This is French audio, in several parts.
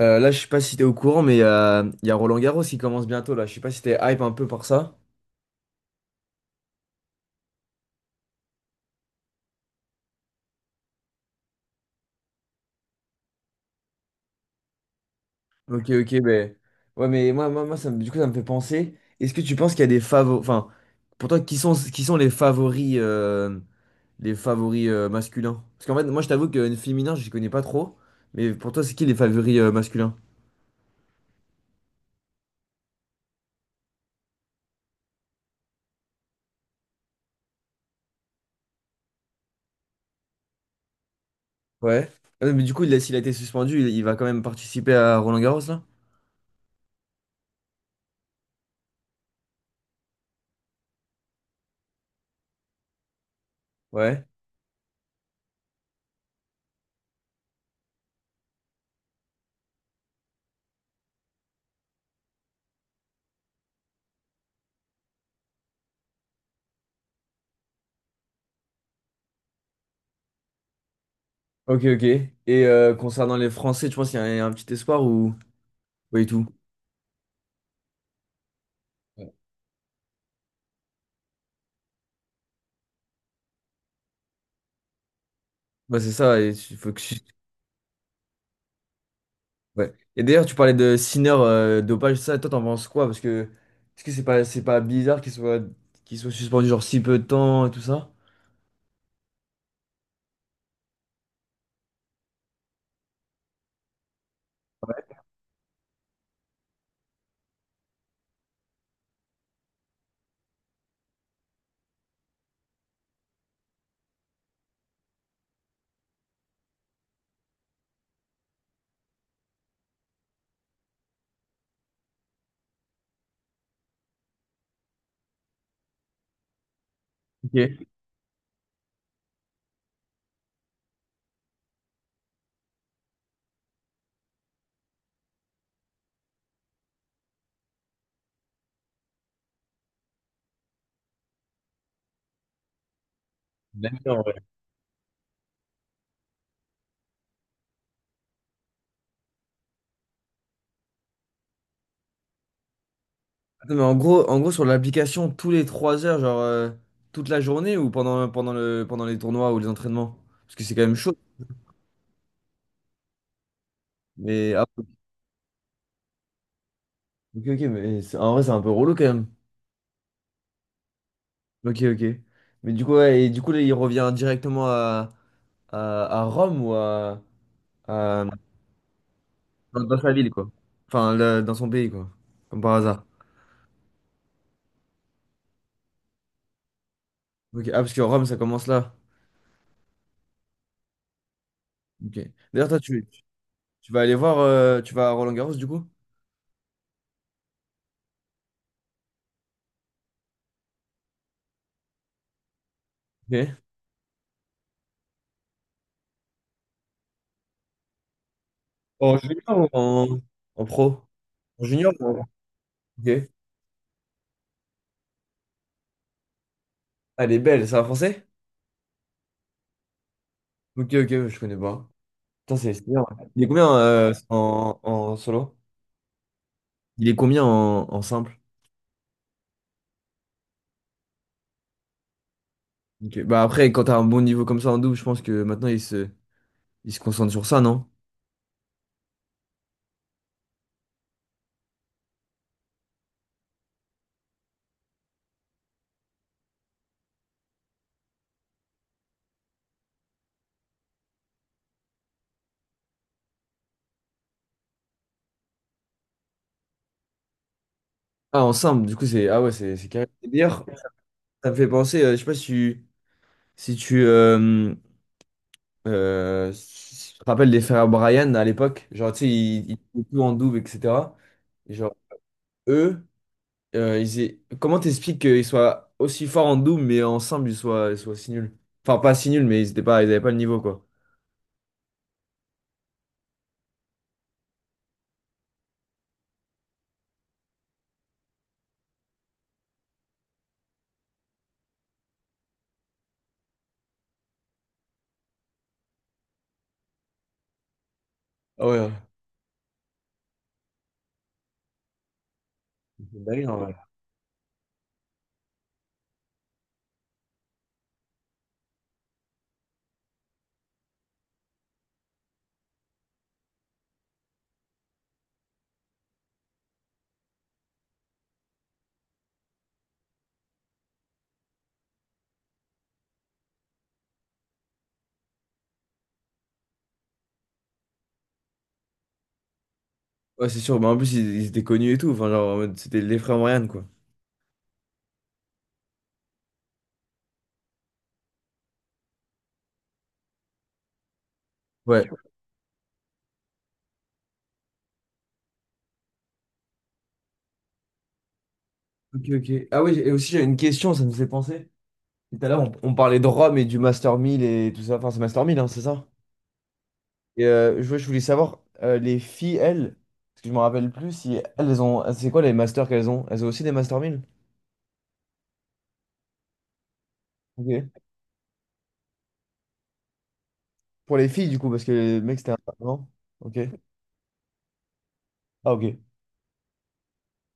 Là, je sais pas si t'es au courant, mais il y a Roland Garros qui commence bientôt là. Je sais pas si t'es hype un peu par ça. Ok, ok, ben ouais, mais moi, du coup, ça me fait penser. Est-ce que tu penses qu'il y a des favoris, enfin, pour toi, qui sont les favoris masculins? Parce qu'en fait, moi, je t'avoue que féminin, je connais pas trop. Mais pour toi, c'est qui les favoris masculins? Ouais. Mais du coup, s'il a été suspendu, il va quand même participer à Roland Garros là? Ouais. Ok, ok. Et concernant les Français, tu penses qu'il y a un petit espoir ou pas du tout? Bah, c'est ça, et il faut que tu- ouais. Et d'ailleurs, tu parlais de Sinner, dopage, ça, toi, t'en penses quoi? Parce que, est-ce que c'est pas bizarre qu'il soit suspendu, genre, si peu de temps et tout ça? Ok. Non, mais en gros, sur l'application, tous les 3 heures, genre, toute la journée ou pendant pendant les tournois ou les entraînements? Parce que c'est quand même chaud. Mais, ah, ok, ok, mais en vrai, c'est un peu relou quand même. Ok, ok. Mais du coup, ouais, et du coup, là, il revient directement à Rome ou à- dans, dans sa ville, quoi. Enfin, dans son pays, quoi. Comme par hasard. Ok. Ah, parce que Rome, ça commence là. Ok. D'ailleurs, tu vas aller voir, tu vas à Roland-Garros, du coup? Ok. En junior ou en pro? En junior ou en... Ok. Ah, elle est belle, c'est un français? Ok, ok, je connais pas. Putain, c'est bien. Il est combien en, en solo? Il est combien en simple? Ok. Bah après, quand t'as un bon niveau comme ça en double, je pense que maintenant, il se concentre sur ça, non? Ah, en simple, du coup, c'est... Ah ouais, c'est carré. Et d'ailleurs, ça me fait penser, je sais pas si tu... Si tu, euh, Si tu te rappelles des frères Bryan à l'époque, genre, tu sais, ils faisaient tout en double, etc. Et genre, eux, comment t'expliques qu'ils soient aussi forts en double, mais ensemble, ils soient si nuls? Enfin, pas si nuls, mais ils étaient pas, ils avaient pas le niveau, quoi. Ah ouais, ouais. C'est une dinguerie, en vrai. Ouais, c'est sûr. Bah, en plus, ils étaient connus et tout. Enfin, genre, en mode, c'était les frères Marianne, quoi. Ouais. Ok, ok. Ah oui, et aussi, j'ai une question, ça me fait penser. Tout à l'heure, on parlait de Rome et du Master 1000 et tout ça. Enfin, c'est Master 1000, hein, c'est ça? Et ouais, je voulais savoir, les filles, elles, parce que je me rappelle plus, si elles ont. C'est quoi les masters qu'elles ont? Elles ont aussi des Master 1000? Ok. Pour les filles, du coup, parce que les mecs, c'était un. Non? Ok. Ah, ok.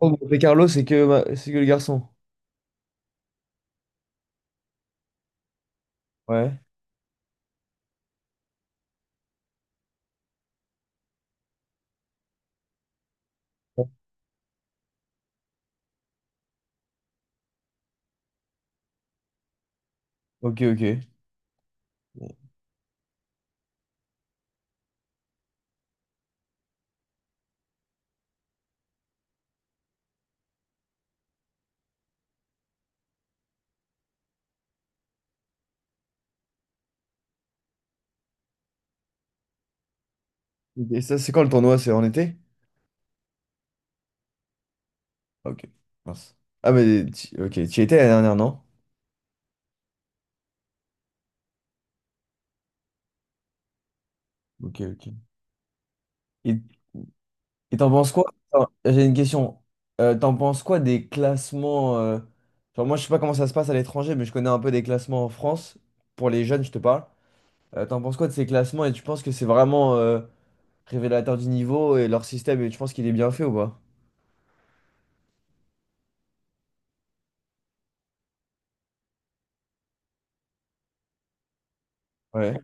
Oh, Monte Carlo, c'est que, c'est que le garçon. Ouais. Ok, ok. Et ça, c'est quand le tournoi? C'est en été? Ok, mince. Ah, ok, tu y étais la dernière, non? Ok, ok. Et t'en penses quoi? Attends, j'ai une question. T'en penses quoi des classements genre, moi, je sais pas comment ça se passe à l'étranger, mais je connais un peu des classements en France. Pour les jeunes, je te parle. T'en penses quoi de ces classements et tu penses que c'est vraiment révélateur du niveau et leur système et tu penses qu'il est bien fait ou pas? Ouais.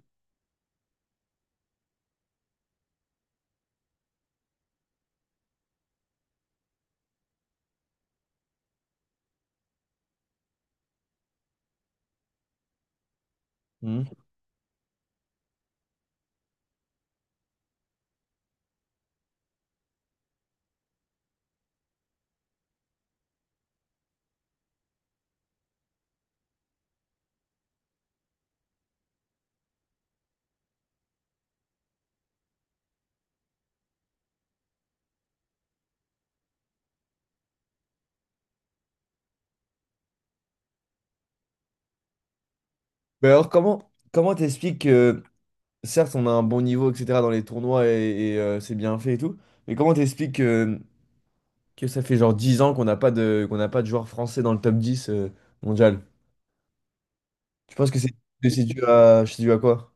Mhm. Mais alors, comment t'expliques que, certes, on a un bon niveau, etc., dans les tournois c'est bien fait et tout, mais comment t'expliques que. Que ça fait genre 10 ans qu'on n'a pas de joueur français dans le top 10 mondial. Tu penses que c'est dû à quoi?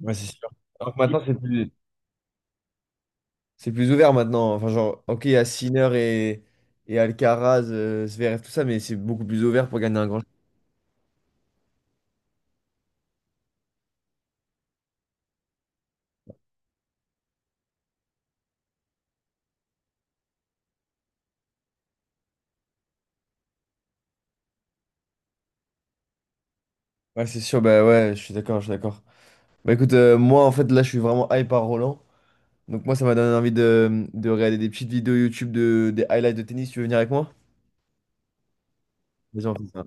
Ouais, c'est sûr. Alors que maintenant, c'est plus ouvert maintenant. Enfin, genre, ok, il y a Sinner et Alcaraz, Zverev, tout ça, mais c'est beaucoup plus ouvert pour gagner un grand. Ouais, c'est sûr, bah ouais, je suis d'accord. Bah écoute, moi en fait là je suis vraiment hype par Roland. Donc moi ça m'a donné envie de regarder des petites vidéos YouTube de, des highlights de tennis. Tu veux venir avec moi? Vas-y, on fait ça.